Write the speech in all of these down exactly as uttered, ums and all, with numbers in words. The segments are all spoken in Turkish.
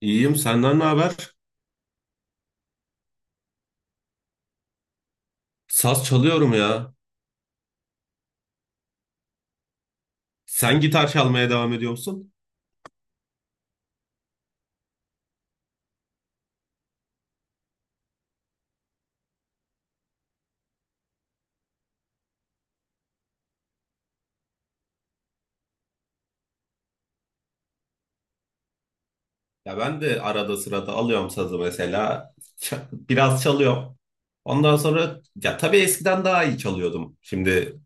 İyiyim, senden ne haber? Saz çalıyorum ya. Sen gitar çalmaya devam ediyor musun? Ya ben de arada sırada alıyorum sazı mesela. Ç- Biraz çalıyorum. Ondan sonra ya tabii eskiden daha iyi çalıyordum. Şimdi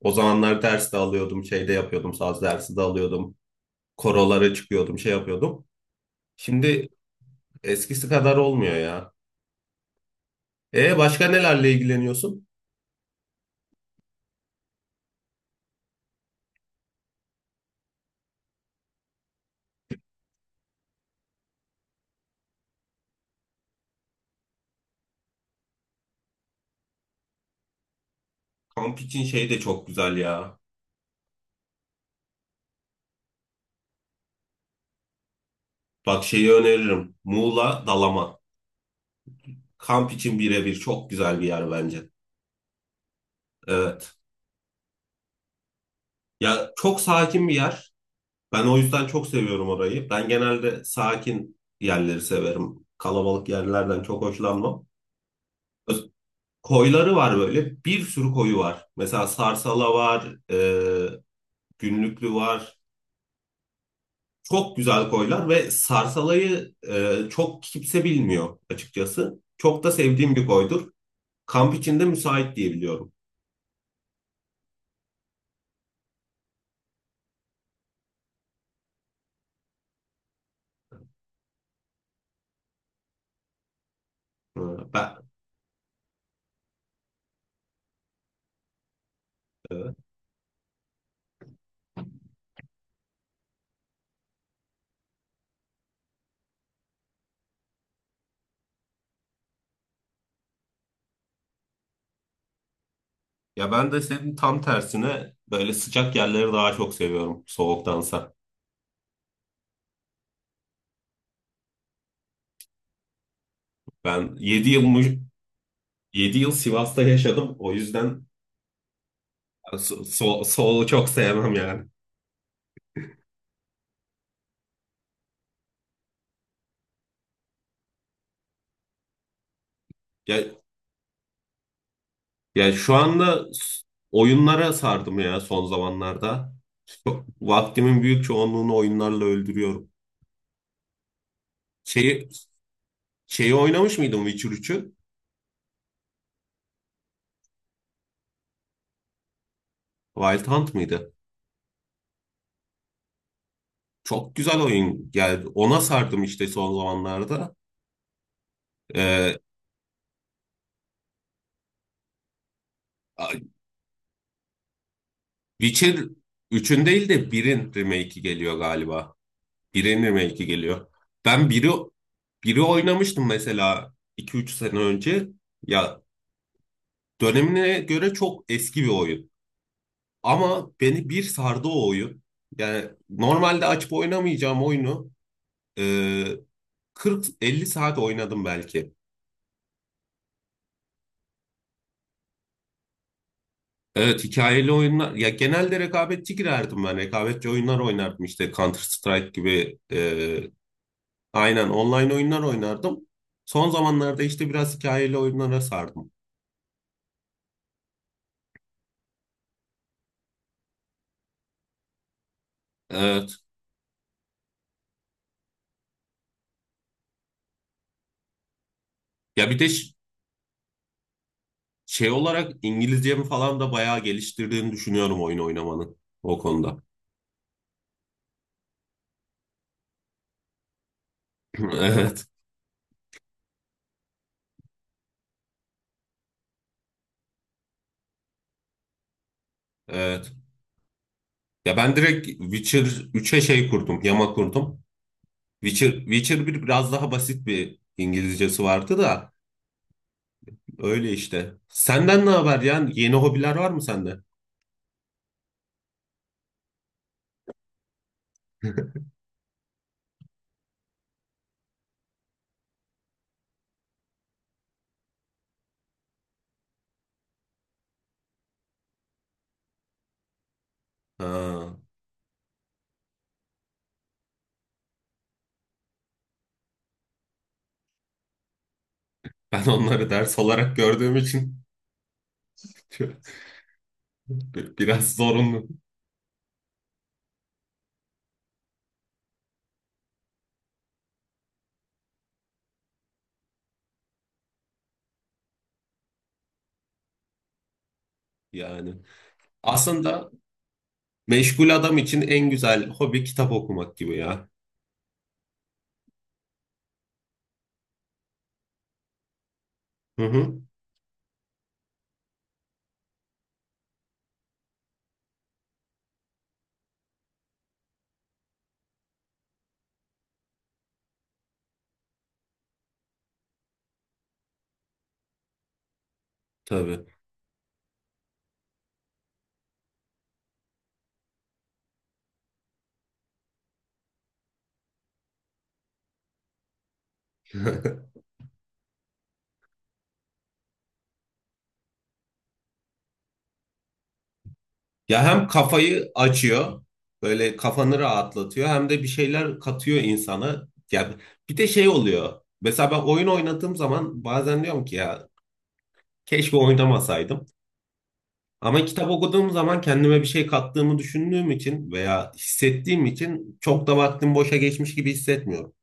o zamanlar ders de alıyordum, şey de yapıyordum, saz dersi de alıyordum. Korolara çıkıyordum, şey yapıyordum. Şimdi eskisi kadar olmuyor ya. E başka nelerle ilgileniyorsun? Kamp için şey de çok güzel ya. Bak şeyi öneririm. Muğla Dalaman. Kamp için birebir çok güzel bir yer bence. Evet. Ya çok sakin bir yer. Ben o yüzden çok seviyorum orayı. Ben genelde sakin yerleri severim. Kalabalık yerlerden çok hoşlanmam. Öz- Koyları var böyle. Bir sürü koyu var. Mesela Sarsala var, e, Günlüklü var. Çok güzel koylar ve Sarsala'yı e, çok kimse bilmiyor açıkçası. Çok da sevdiğim bir koydur. Kamp içinde müsait diye biliyorum. Hı, Ben, e, ya ben de senin tam tersine böyle sıcak yerleri daha çok seviyorum soğuktansa. Ben yedi yıl Yedi yıl Sivas'ta yaşadım. O yüzden so- so- solu çok sevmem yani. Ya, ya şu anda s- oyunlara sardım ya son zamanlarda. Çok- vaktimin büyük çoğunluğunu oyunlarla öldürüyorum. Şeyi, şeyi oynamış mıydım Witcher üçü? Wild Hunt mıydı? Çok güzel oyun geldi. Ona sardım işte son zamanlarda. Ee, Witcher üçün değil de birin remake'i geliyor galiba. Birinin remake'i geliyor. Ben biri biri oynamıştım mesela iki üç sene önce. Ya dönemine göre çok eski bir oyun. Ama beni bir sardı o oyun. Yani normalde açıp oynamayacağım oyunu e, kırk elli saat oynadım belki. Evet hikayeli oyunlar ya genelde rekabetçi girerdim ben rekabetçi oyunlar oynardım işte Counter Strike gibi e, aynen online oyunlar oynardım. Son zamanlarda işte biraz hikayeli oyunlara sardım. E, Ya bir de ş- şey olarak İngilizcemi falan da bayağı geliştirdiğini düşünüyorum oyun oynamanın o konuda. Evet, evet. Ya ben direkt Witcher üçe şey kurdum, yama kurdum. Witcher, Witcher bir biraz daha basit bir İngilizcesi vardı da öyle işte. Senden ne haber yani? Yeni hobiler var mı sende? Ha, Ben onları ders olarak gördüğüm için bi- biraz zorunlu yani. Aslında meşgul adam için en güzel hobi kitap okumak gibi ya. Hı hı. Tabii. Ya hem kafayı açıyor, böyle kafanı rahatlatıyor hem de bir şeyler katıyor insana. Ya bir de şey oluyor. Mesela ben oyun oynadığım zaman bazen diyorum ki ya keşke oynamasaydım. Ama kitap okuduğum zaman kendime bir şey kattığımı düşündüğüm için veya hissettiğim için çok da vaktim boşa geçmiş gibi hissetmiyorum.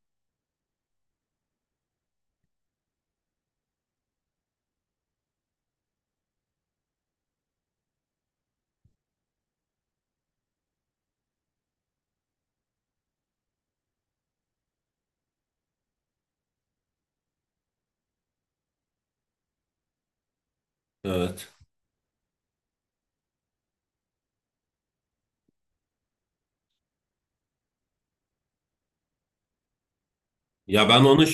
Evet. Ya ben onu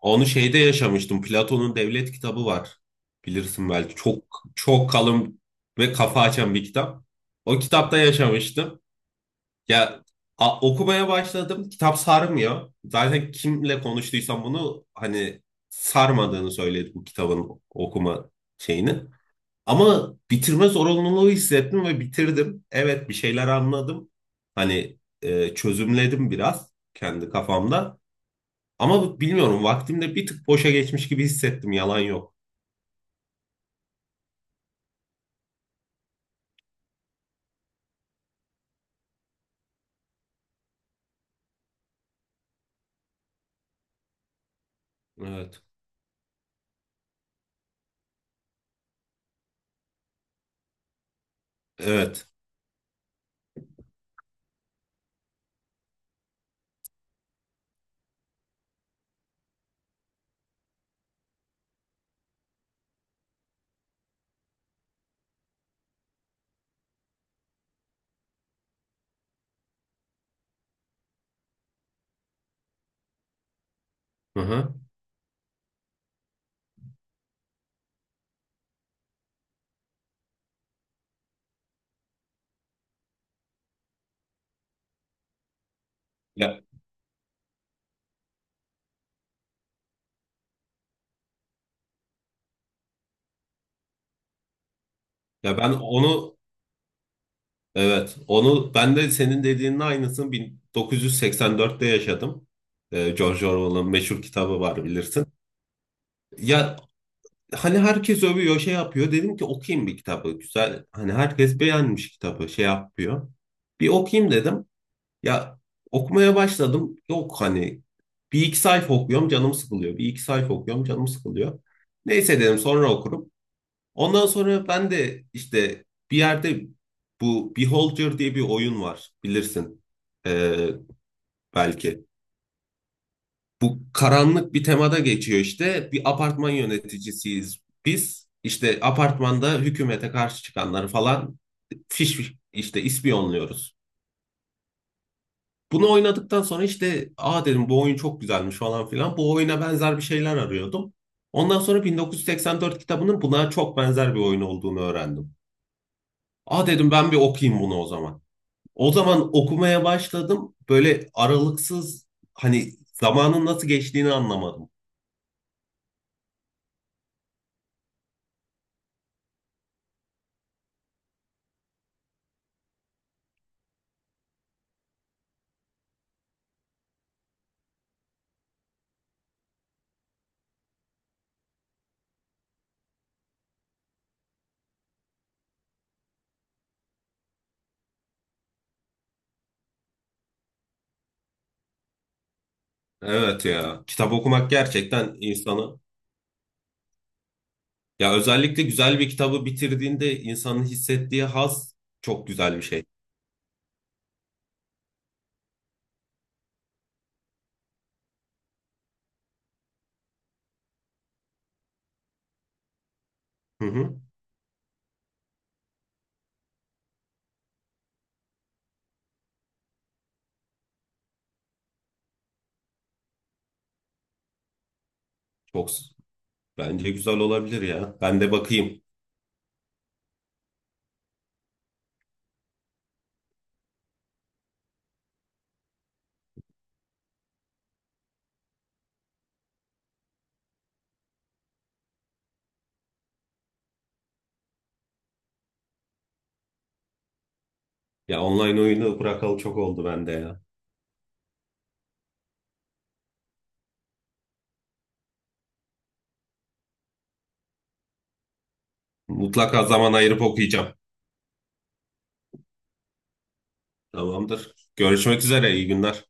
onu şeyde yaşamıştım. Platon'un Devlet kitabı var. Bilirsin belki. Çok çok kalın ve kafa açan bir kitap. O kitapta yaşamıştım. Ya a- okumaya başladım. Kitap sarmıyor. Zaten kimle konuştuysam bunu hani sarmadığını söyledi bu kitabın okuma şeyini. Ama bitirme zorunluluğu hissettim ve bitirdim. Evet bir şeyler anladım. Hani e, çözümledim biraz kendi kafamda. Ama bu- bilmiyorum vaktimde bir tık boşa geçmiş gibi hissettim yalan yok. Evet. Evet. Hı hı. Ya, ya ben onu evet onu ben de senin dediğinin aynısını bin dokuz yüz seksen dörtte yaşadım. Ee, George Orwell'ın meşhur kitabı var bilirsin. Ya hani herkes övüyor şey yapıyor. Dedim ki okuyayım bir kitabı. Güzel. Hani herkes beğenmiş kitabı şey yapıyor. Bir okuyayım dedim. Ya okumaya başladım. Yok hani bir iki sayfa okuyorum canım sıkılıyor. Bir iki sayfa okuyorum canım sıkılıyor. Neyse dedim sonra okurum. Ondan sonra ben de işte bir yerde bu Beholder diye bir oyun var bilirsin. Ee, belki. Bu karanlık bir temada geçiyor işte. Bir apartman yöneticisiyiz biz. İşte apartmanda hükümete karşı çıkanları falan fiş fiş işte ispiyonluyoruz. Bunu oynadıktan sonra işte aa dedim bu oyun çok güzelmiş falan filan. Bu oyuna benzer bir şeyler arıyordum. Ondan sonra bin dokuz yüz seksen dört kitabının buna çok benzer bir oyun olduğunu öğrendim. Aa dedim ben bir okuyayım bunu o zaman. O zaman okumaya başladım. Böyle aralıksız hani zamanın nasıl geçtiğini anlamadım. Evet ya. Kitap okumak gerçekten insanı ya özellikle güzel bir kitabı bitirdiğinde insanın hissettiği haz çok güzel bir şey. Hı hı. Çok s- bence güzel olabilir ya. Ben de bakayım. Ya online oyunu bırakalı çok oldu bende ya. Mutlaka zaman ayırıp okuyacağım. Tamamdır. Görüşmek üzere. İyi günler.